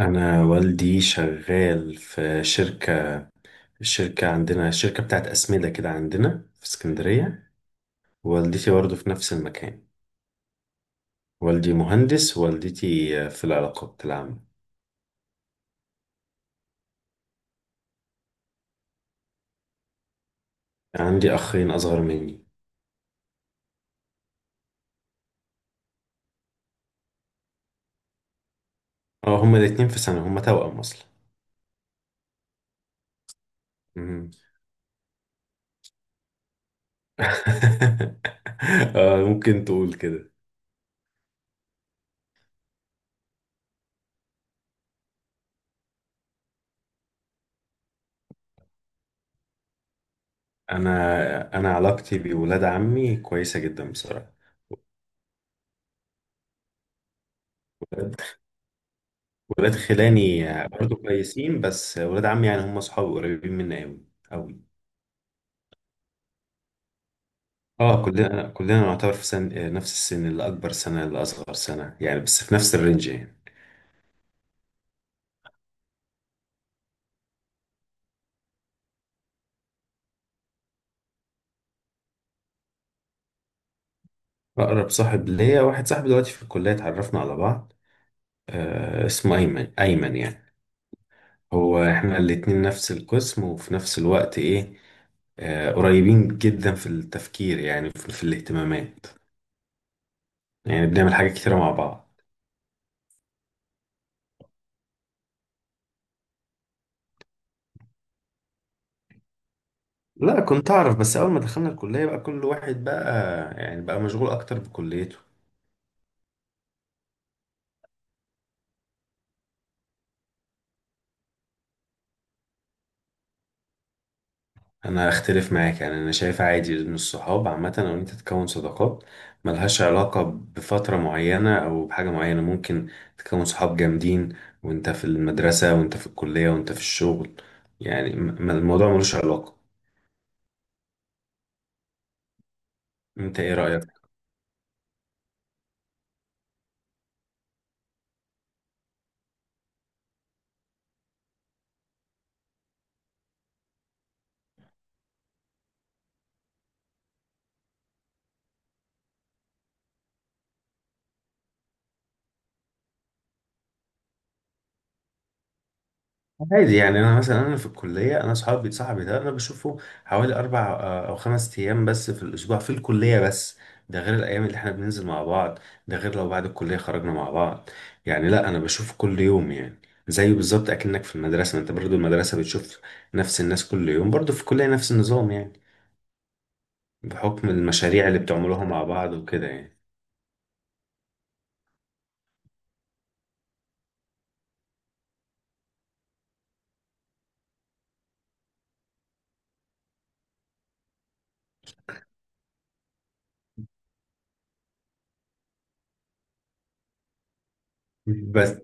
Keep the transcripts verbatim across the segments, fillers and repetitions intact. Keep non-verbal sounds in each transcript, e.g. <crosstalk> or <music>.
أنا والدي شغال في شركة شركة عندنا، شركة بتاعت أسمدة كده عندنا في اسكندرية. والدتي برضه في نفس المكان. والدي مهندس، والدتي في العلاقات العامة. عندي أخين أصغر مني. اه، هما الاتنين في سنة، هما توأم أصلا. مم. <laughs> آه، ممكن تقول كده. أنا أنا علاقتي بولاد عمي كويسة جدا بصراحة. ولاد ولاد خلاني برضه كويسين، بس ولاد عمي يعني هما صحابي قريبين مني أوي أوي. اه، كلنا كلنا نعتبر في سن، آه، نفس السن، اللي اكبر سنه اللي اصغر سنه يعني، بس في نفس الرينج يعني. اقرب صاحب ليا واحد صاحبي دلوقتي في الكليه، اتعرفنا على بعض. آه، اسمه ايمن، ايمن يعني. هو احنا الاتنين نفس القسم، وفي نفس الوقت ايه، آه قريبين جدا في التفكير، يعني في, في الاهتمامات. يعني بنعمل حاجات كتيره مع بعض. لا، كنت اعرف، بس اول ما دخلنا الكليه بقى كل واحد بقى يعني بقى مشغول اكتر بكليته. انا اختلف معاك، يعني انا شايف عادي ان الصحاب عامه، او إن انت تكون صداقات ملهاش علاقه بفتره معينه او بحاجه معينه. ممكن تكون صحاب جامدين وانت في المدرسه وانت في الكليه وانت في الشغل. يعني م- الموضوع ملوش علاقه. انت ايه رايك؟ عادي، يعني انا مثلا، انا في الكليه انا صحابي صاحبي ده انا بشوفه حوالي اربع، آه، او خمس ايام بس في الاسبوع، في الكليه بس. ده غير الايام اللي احنا بننزل مع بعض، ده غير لو بعد الكليه خرجنا مع بعض. يعني لا، انا بشوفه كل يوم يعني. زيه بالظبط اكنك في المدرسه، ما انت برضو المدرسه بتشوف نفس الناس كل يوم، برضو في الكليه نفس النظام يعني. بحكم المشاريع اللي بتعملوها مع بعض وكده يعني. بس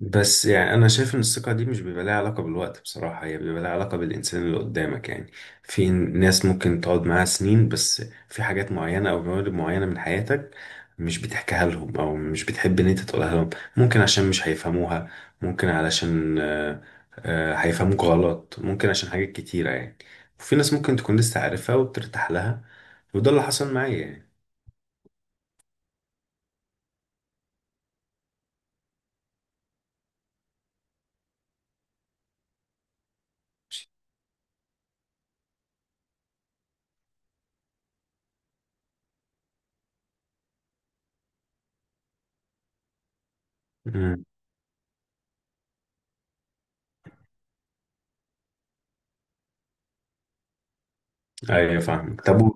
بس يعني انا شايف ان الثقه دي مش بيبقى لها علاقه بالوقت، بصراحه هي بيبقى لها علاقه بالانسان اللي قدامك يعني. في ناس ممكن تقعد معاها سنين، بس في حاجات معينه او جوانب معينه من حياتك مش بتحكيها لهم، او مش بتحب ان انت تقولها لهم. ممكن عشان مش هيفهموها، ممكن علشان آه، آه، هيفهموك غلط، ممكن عشان حاجات كتيره يعني. وفي ناس ممكن تكون لسه عارفها وبترتاح لها، وده اللي حصل معايا يعني. امم. ايوه، فاهمك. طب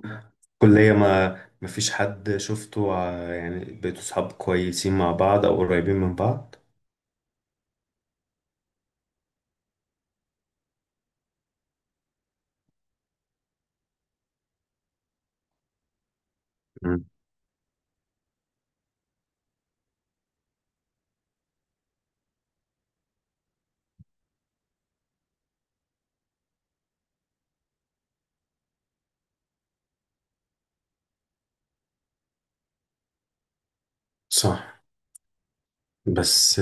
كلية، ما ما فيش حد شفته ع- يعني بقيتوا صحاب كويسين مع بعض أو قريبين من بعض؟ مم. صح. بس.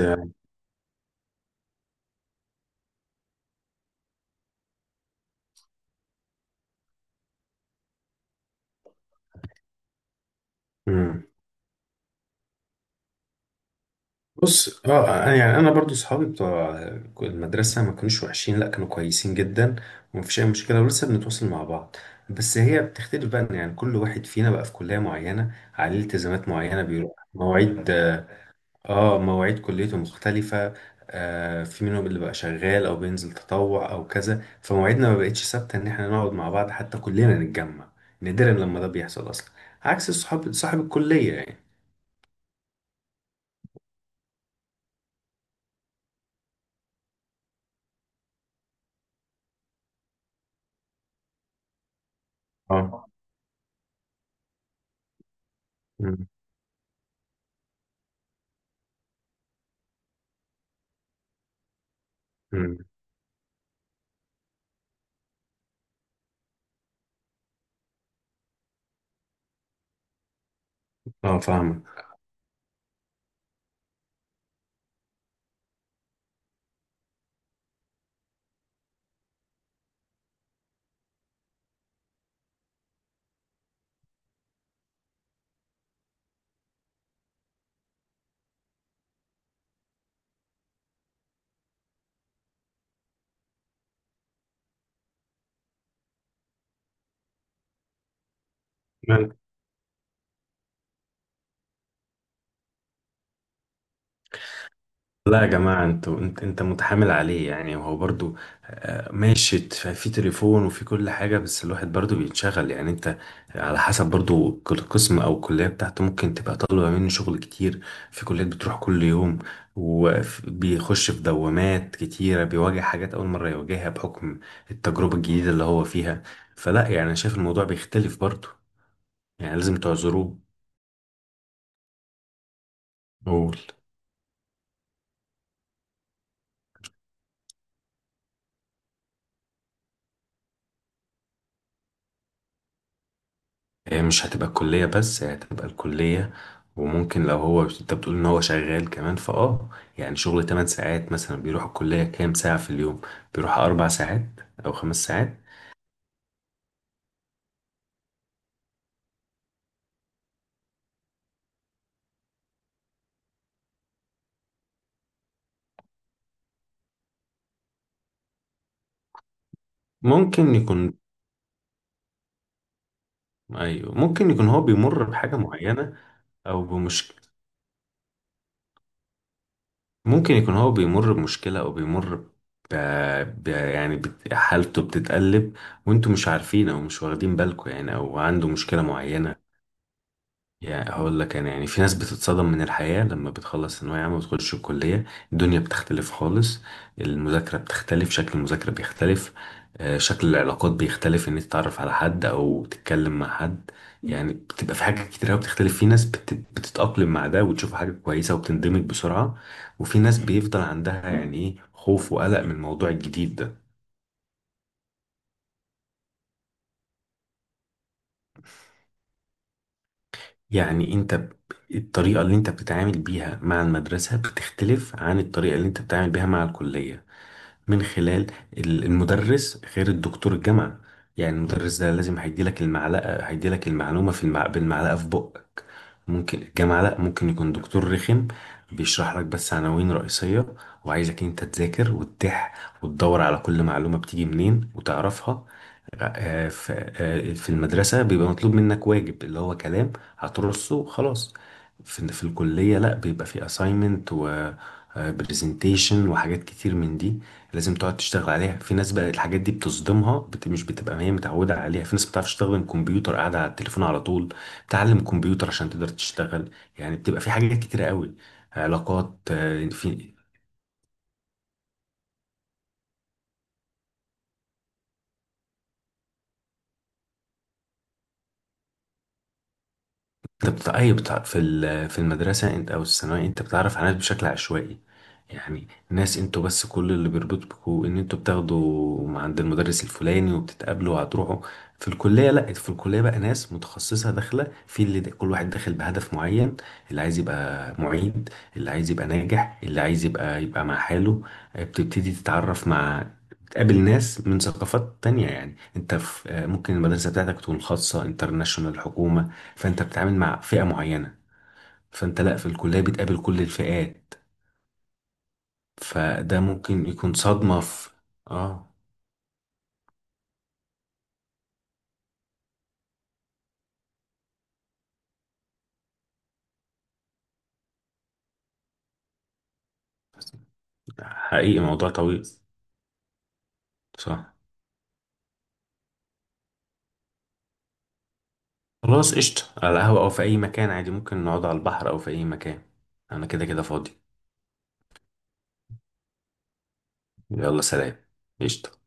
مم. بص، اه، أنا- يعني انا برضو صحابي بتوع المدرسه ما كانوش وحشين، لا كانوا كويسين جدا. ومفيش اي مشكله ولسه بنتواصل مع بعض. بس هي بتختلف بقى، إن يعني كل واحد فينا بقى في كليه معينه، عليه التزامات معينه، بيروح مواعيد، آه، اه مواعيد كليته مختلفة. آه في منهم اللي بقى شغال او بينزل تطوع او كذا، فمواعيدنا ما بقتش ثابتة ان احنا نقعد مع بعض حتى كلنا نتجمع. نادرا لما ده بيحصل اصلا. عكس الصحاب صاحب الكلية يعني. اه. مم. مم. اه، فاهمك. لا يا جماعة، انتوا انت انت متحامل عليه، يعني هو برضو آه، ماشي، ت- في تليفون وفي كل حاجة، بس الواحد برضو بيتشغل، يعني انت على حسب، برضو كل قسم او الكلية بتاعته ممكن تبقى طالبة منه شغل كتير. في كليات بتروح كل يوم، وبيخش في دوامات كتيرة، بيواجه حاجات أول مرة يواجهها بحكم التجربة الجديدة اللي هو فيها. فلا، يعني انا شايف الموضوع بيختلف برضو. يعني لازم تعذروه. قول. هي مش هتبقى الكلية بس، هي هتبقى الكلية وممكن لو هو، انت بتقول ان هو شغال كمان فاه يعني شغل ثماني ساعات مثلا، بيروح الكلية كام ساعة في اليوم؟ بيروح اربع ساعات او خمس ساعات. ممكن يكون، ايوه ممكن يكون هو بيمر بحاجة معينة او بمشكلة. ممكن يكون هو بيمر بمشكلة او بيمر ب... ب... يعني بت... حالته بتتقلب، وانتوا مش عارفين او مش واخدين بالكم يعني، او عنده مشكلة معينة. يعني هقول لك انا، يعني في ناس بتتصدم من الحياة لما بتخلص ثانوية عامة وتخش الكلية. الدنيا بتختلف خالص. المذاكرة بتختلف، شكل المذاكرة بيختلف. آه، شكل العلاقات بيختلف، ان انت تتعرف على حد او تتكلم مع حد. يعني بتبقى في حاجات كتير قوي بتختلف، في ناس بت- بتتأقلم مع ده وتشوف حاجة كويسة وبتندمج بسرعة، وفي ناس بيفضل عندها يعني ايه خوف وقلق من الموضوع الجديد ده. يعني انت ب- الطريقة اللي انت بتتعامل بيها مع المدرسة بتختلف عن الطريقة اللي انت بتتعامل بيها مع الكلية، من خلال ال- المدرس غير الدكتور الجامعة. يعني المدرس ده لازم هيديلك المعلقة، هيديلك المعلومة في المع... بالمعلقة في بقك. ممكن الجامعة لأ، ممكن يكون دكتور رخم بيشرح لك بس عناوين رئيسية، وعايزك انت تذاكر وتتح وتدور على كل معلومة بتيجي منين وتعرفها. آه، في آه، في المدرسة بيبقى مطلوب منك واجب اللي هو كلام، هترصه خلاص. في في الكلية لا، بيبقى في assignment و آه، presentation وحاجات كتير من دي، لازم تقعد تشتغل عليها. في ناس بقى الحاجات دي بتصدمها، بت... مش بتبقى هي متعودة عليها، في ناس بتعرفش تستخدم كمبيوتر، قاعدة على التليفون على طول، بتعلم كمبيوتر عشان تقدر تشتغل. يعني بتبقى في حاجات كتيرة قوي، علاقات، آه، في انت بتاع اي، بتاع في ال- في المدرسه انت او الثانويه، انت بتعرف على ناس بشكل عشوائي. يعني ناس انتوا بس، كل اللي بيربطكوا ان انتوا بتاخدوا مع عند المدرس الفلاني وبتتقابلوا وهتروحوا. في الكليه لا، في الكليه بقى ناس متخصصه داخله، في اللي كل واحد داخل بهدف معين. اللي عايز يبقى معيد، اللي عايز يبقى ناجح، اللي عايز يبقى يبقى مع حاله. بتبتدي تتعرف مع، تقابل ناس من ثقافات تانية. يعني انت في ممكن المدرسة بتاعتك تكون خاصة، انترناشونال، حكومة، فانت بتتعامل مع فئة معينة. فانت لا، في الكلية بتقابل كل الفئات. فده ممكن يكون صدمة في. اه، حقيقي موضوع طويل. صح. خلاص قشطة، على القهوة او في اي مكان عادي، ممكن نقعد على البحر او في اي مكان. انا كده كده فاضي. يلا سلام. قشطة.